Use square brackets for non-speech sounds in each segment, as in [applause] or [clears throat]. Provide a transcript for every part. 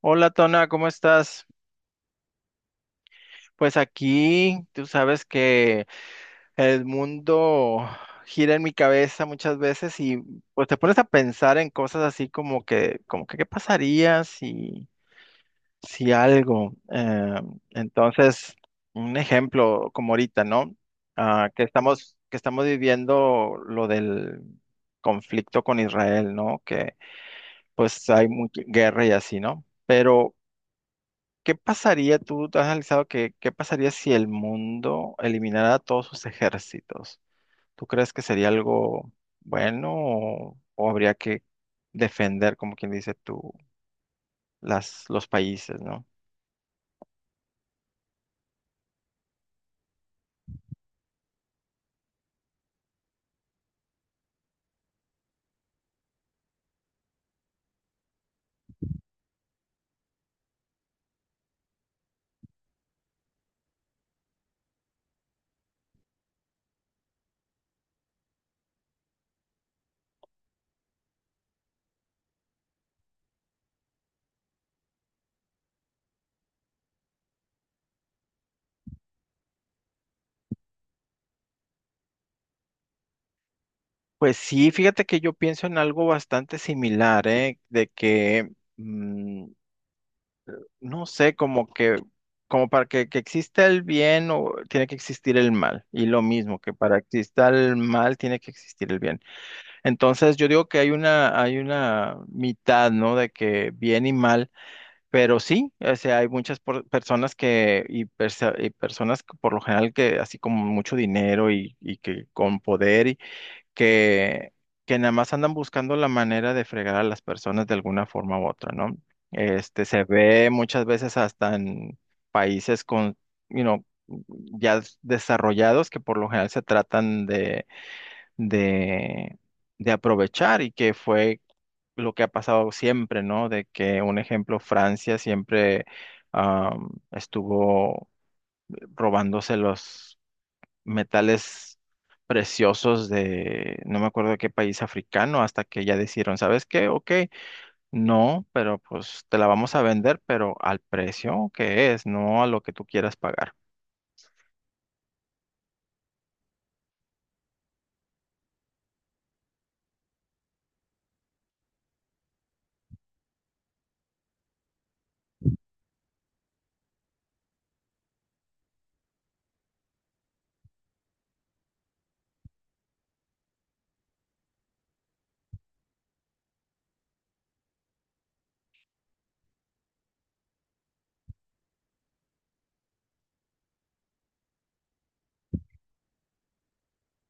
Hola Tona, ¿cómo estás? Pues aquí tú sabes que el mundo gira en mi cabeza muchas veces y pues te pones a pensar en cosas así como que qué pasaría si algo. Entonces, un ejemplo como ahorita, ¿no? Ah, que estamos viviendo lo del conflicto con Israel, ¿no? Que pues hay mucha guerra y así, ¿no? Pero ¿qué pasaría, tú te has analizado qué pasaría si el mundo eliminara todos sus ejércitos? ¿Tú crees que sería algo bueno o habría que defender, como quien dice tú, los países, ¿no? Pues sí, fíjate que yo pienso en algo bastante similar, ¿eh? De que, mm, no sé, como que, como para que exista el bien o tiene que existir el mal. Y lo mismo, que para que exista el mal tiene que existir el bien. Entonces yo digo que hay una mitad, ¿no? De que bien y mal, pero sí, o sea, hay muchas personas y personas que por lo general que así como mucho dinero y que con poder y que, que nada más andan buscando la manera de fregar a las personas de alguna forma u otra, ¿no? Este se ve muchas veces hasta en países con, you know, ya desarrollados que por lo general se tratan de, de aprovechar y que fue lo que ha pasado siempre, ¿no? De que, un ejemplo, Francia siempre estuvo robándose los metales preciosos de, no me acuerdo de qué país africano, hasta que ya decidieron, ¿sabes qué? Ok, no, pero pues te la vamos a vender, pero al precio que es, no a lo que tú quieras pagar.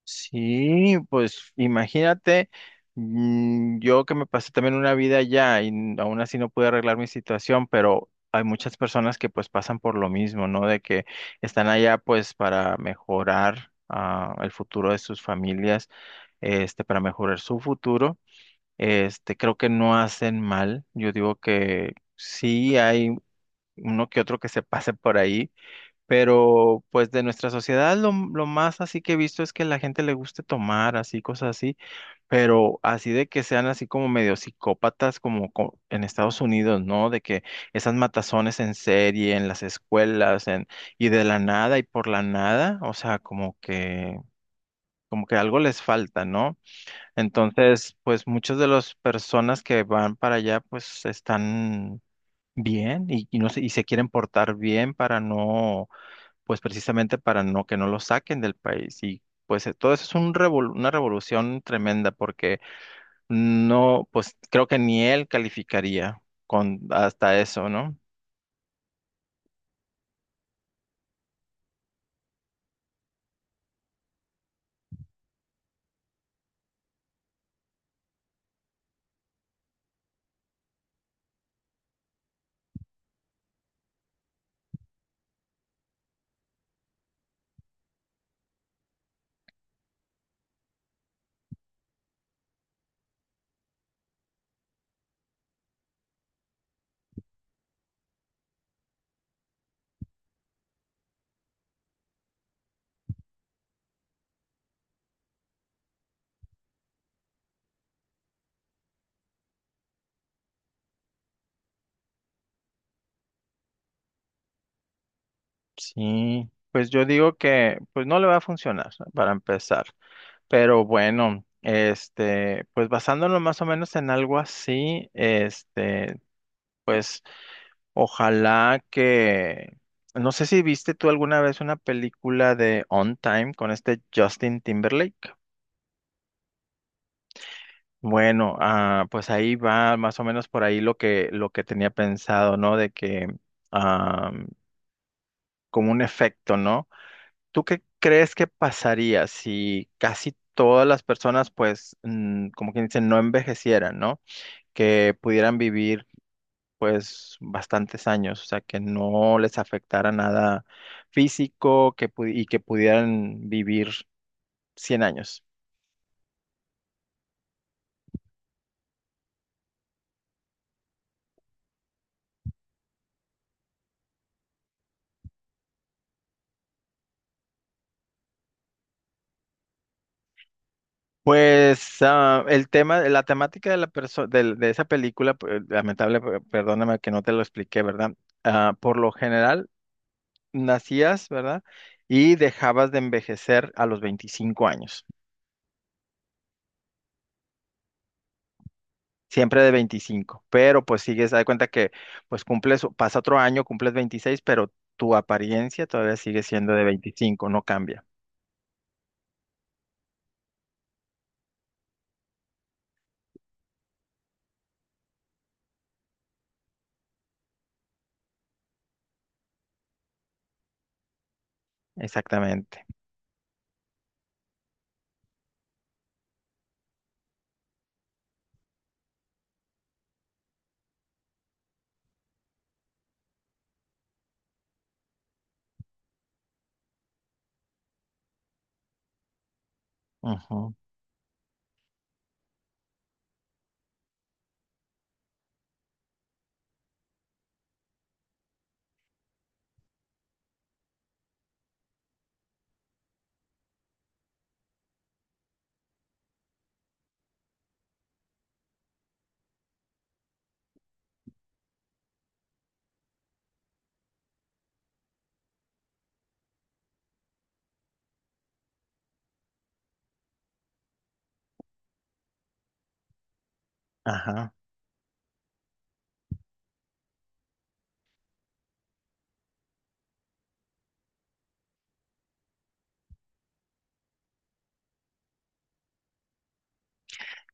Sí, pues imagínate, yo que me pasé también una vida allá y aún así no pude arreglar mi situación, pero hay muchas personas que pues pasan por lo mismo, ¿no? De que están allá pues para mejorar el futuro de sus familias, este, para mejorar su futuro. Este, creo que no hacen mal. Yo digo que sí hay uno que otro que se pase por ahí pero pues de nuestra sociedad lo más así que he visto es que la gente le guste tomar así, cosas así, pero así de que sean así como medio psicópatas como en Estados Unidos, ¿no? De que esas matazones en serie, en las escuelas, y de la nada y por la nada, o sea, como que, algo les falta, ¿no? Entonces, pues muchas de las personas que van para allá pues están bien y no sé, y se quieren portar bien para no pues precisamente para no que no lo saquen del país. Y pues todo eso es un una revolución tremenda porque no, pues creo que ni él calificaría con hasta eso, ¿no? Sí, pues yo digo que pues no le va a funcionar para empezar. Pero bueno, este, pues basándonos más o menos en algo así, este, pues ojalá que. No sé si viste tú alguna vez una película de On Time con este Justin Timberlake. Bueno, pues ahí va más o menos por ahí lo que tenía pensado, ¿no? De que, ah, como un efecto, ¿no? ¿Tú qué crees que pasaría si casi todas las personas, pues, como quien dice, no envejecieran, ¿no? Que pudieran vivir pues bastantes años, o sea, que no les afectara nada físico que y que pudieran vivir 100 años. Pues el tema, la temática de de, esa película, lamentable, perdóname que no te lo expliqué, ¿verdad? Ah, por lo general, nacías, ¿verdad? Y dejabas de envejecer a los 25 años. Siempre de 25, pero pues sigues, haz de cuenta que pues cumples, pasa otro año, cumples 26, pero tu apariencia todavía sigue siendo de 25, no cambia. Exactamente. Ujú. Ajá.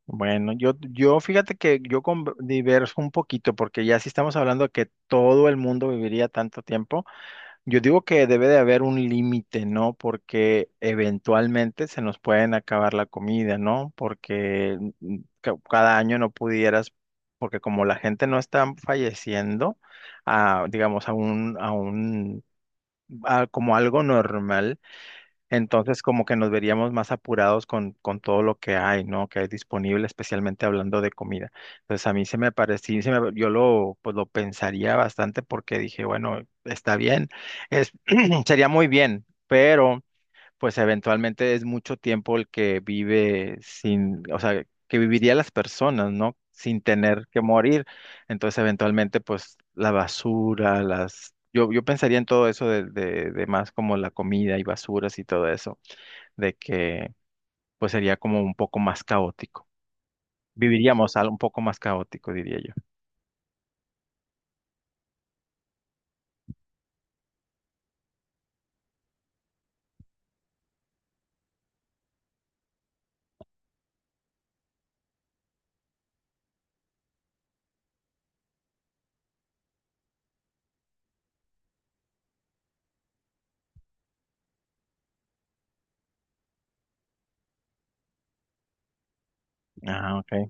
Bueno, yo fíjate que yo diverso un poquito, porque ya si estamos hablando de que todo el mundo viviría tanto tiempo. Yo digo que debe de haber un límite, ¿no? Porque eventualmente se nos pueden acabar la comida, ¿no? Porque cada año no pudieras, porque como la gente no está falleciendo, a, digamos, a como algo normal. Entonces, como que nos veríamos más apurados con todo lo que hay, ¿no? Que hay disponible, especialmente hablando de comida. Entonces, a mí se me parecía, yo lo, pues, lo pensaría bastante porque dije, bueno, está bien, es, [clears throat] sería muy bien, pero pues eventualmente es mucho tiempo el que vive sin, o sea, que viviría las personas, ¿no? Sin tener que morir. Entonces, eventualmente, pues la basura. Yo pensaría en todo eso de, de más como la comida y basuras y todo eso, de que pues sería como un poco más caótico. Viviríamos algo un poco más caótico, diría yo. Ah, ok.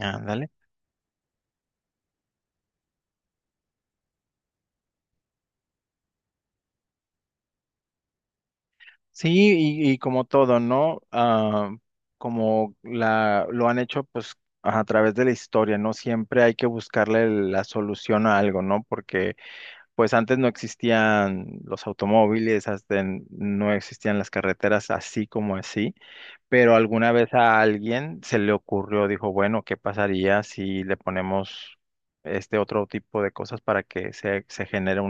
Ándale. Sí, y como todo, ¿no? Ah, como lo han hecho, pues, a través de la historia, ¿no? Siempre hay que buscarle la solución a algo, ¿no? Porque, pues, antes no existían los automóviles, no existían las carreteras así como así, pero alguna vez a alguien se le ocurrió, dijo, bueno, ¿qué pasaría si le ponemos este otro tipo de cosas para que se genere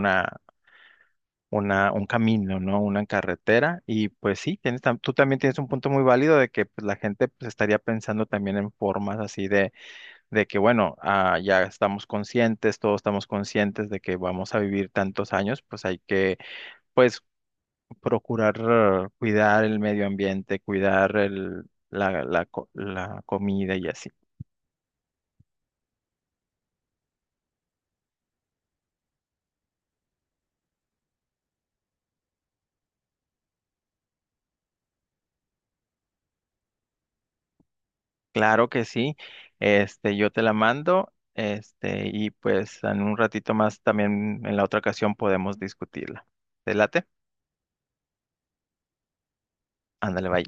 un camino, ¿no? Una carretera. Y pues sí, tú también tienes un punto muy válido de que pues, la gente pues, estaría pensando también en formas así de, que, bueno, ya estamos conscientes, todos estamos conscientes de que vamos a vivir tantos años, pues hay que, pues, procurar cuidar el medio ambiente, cuidar el, la, co- la comida y así. Claro que sí. Este, yo te la mando, este, y pues en un ratito más también en la otra ocasión podemos discutirla. ¿Te late? Ándale, bye.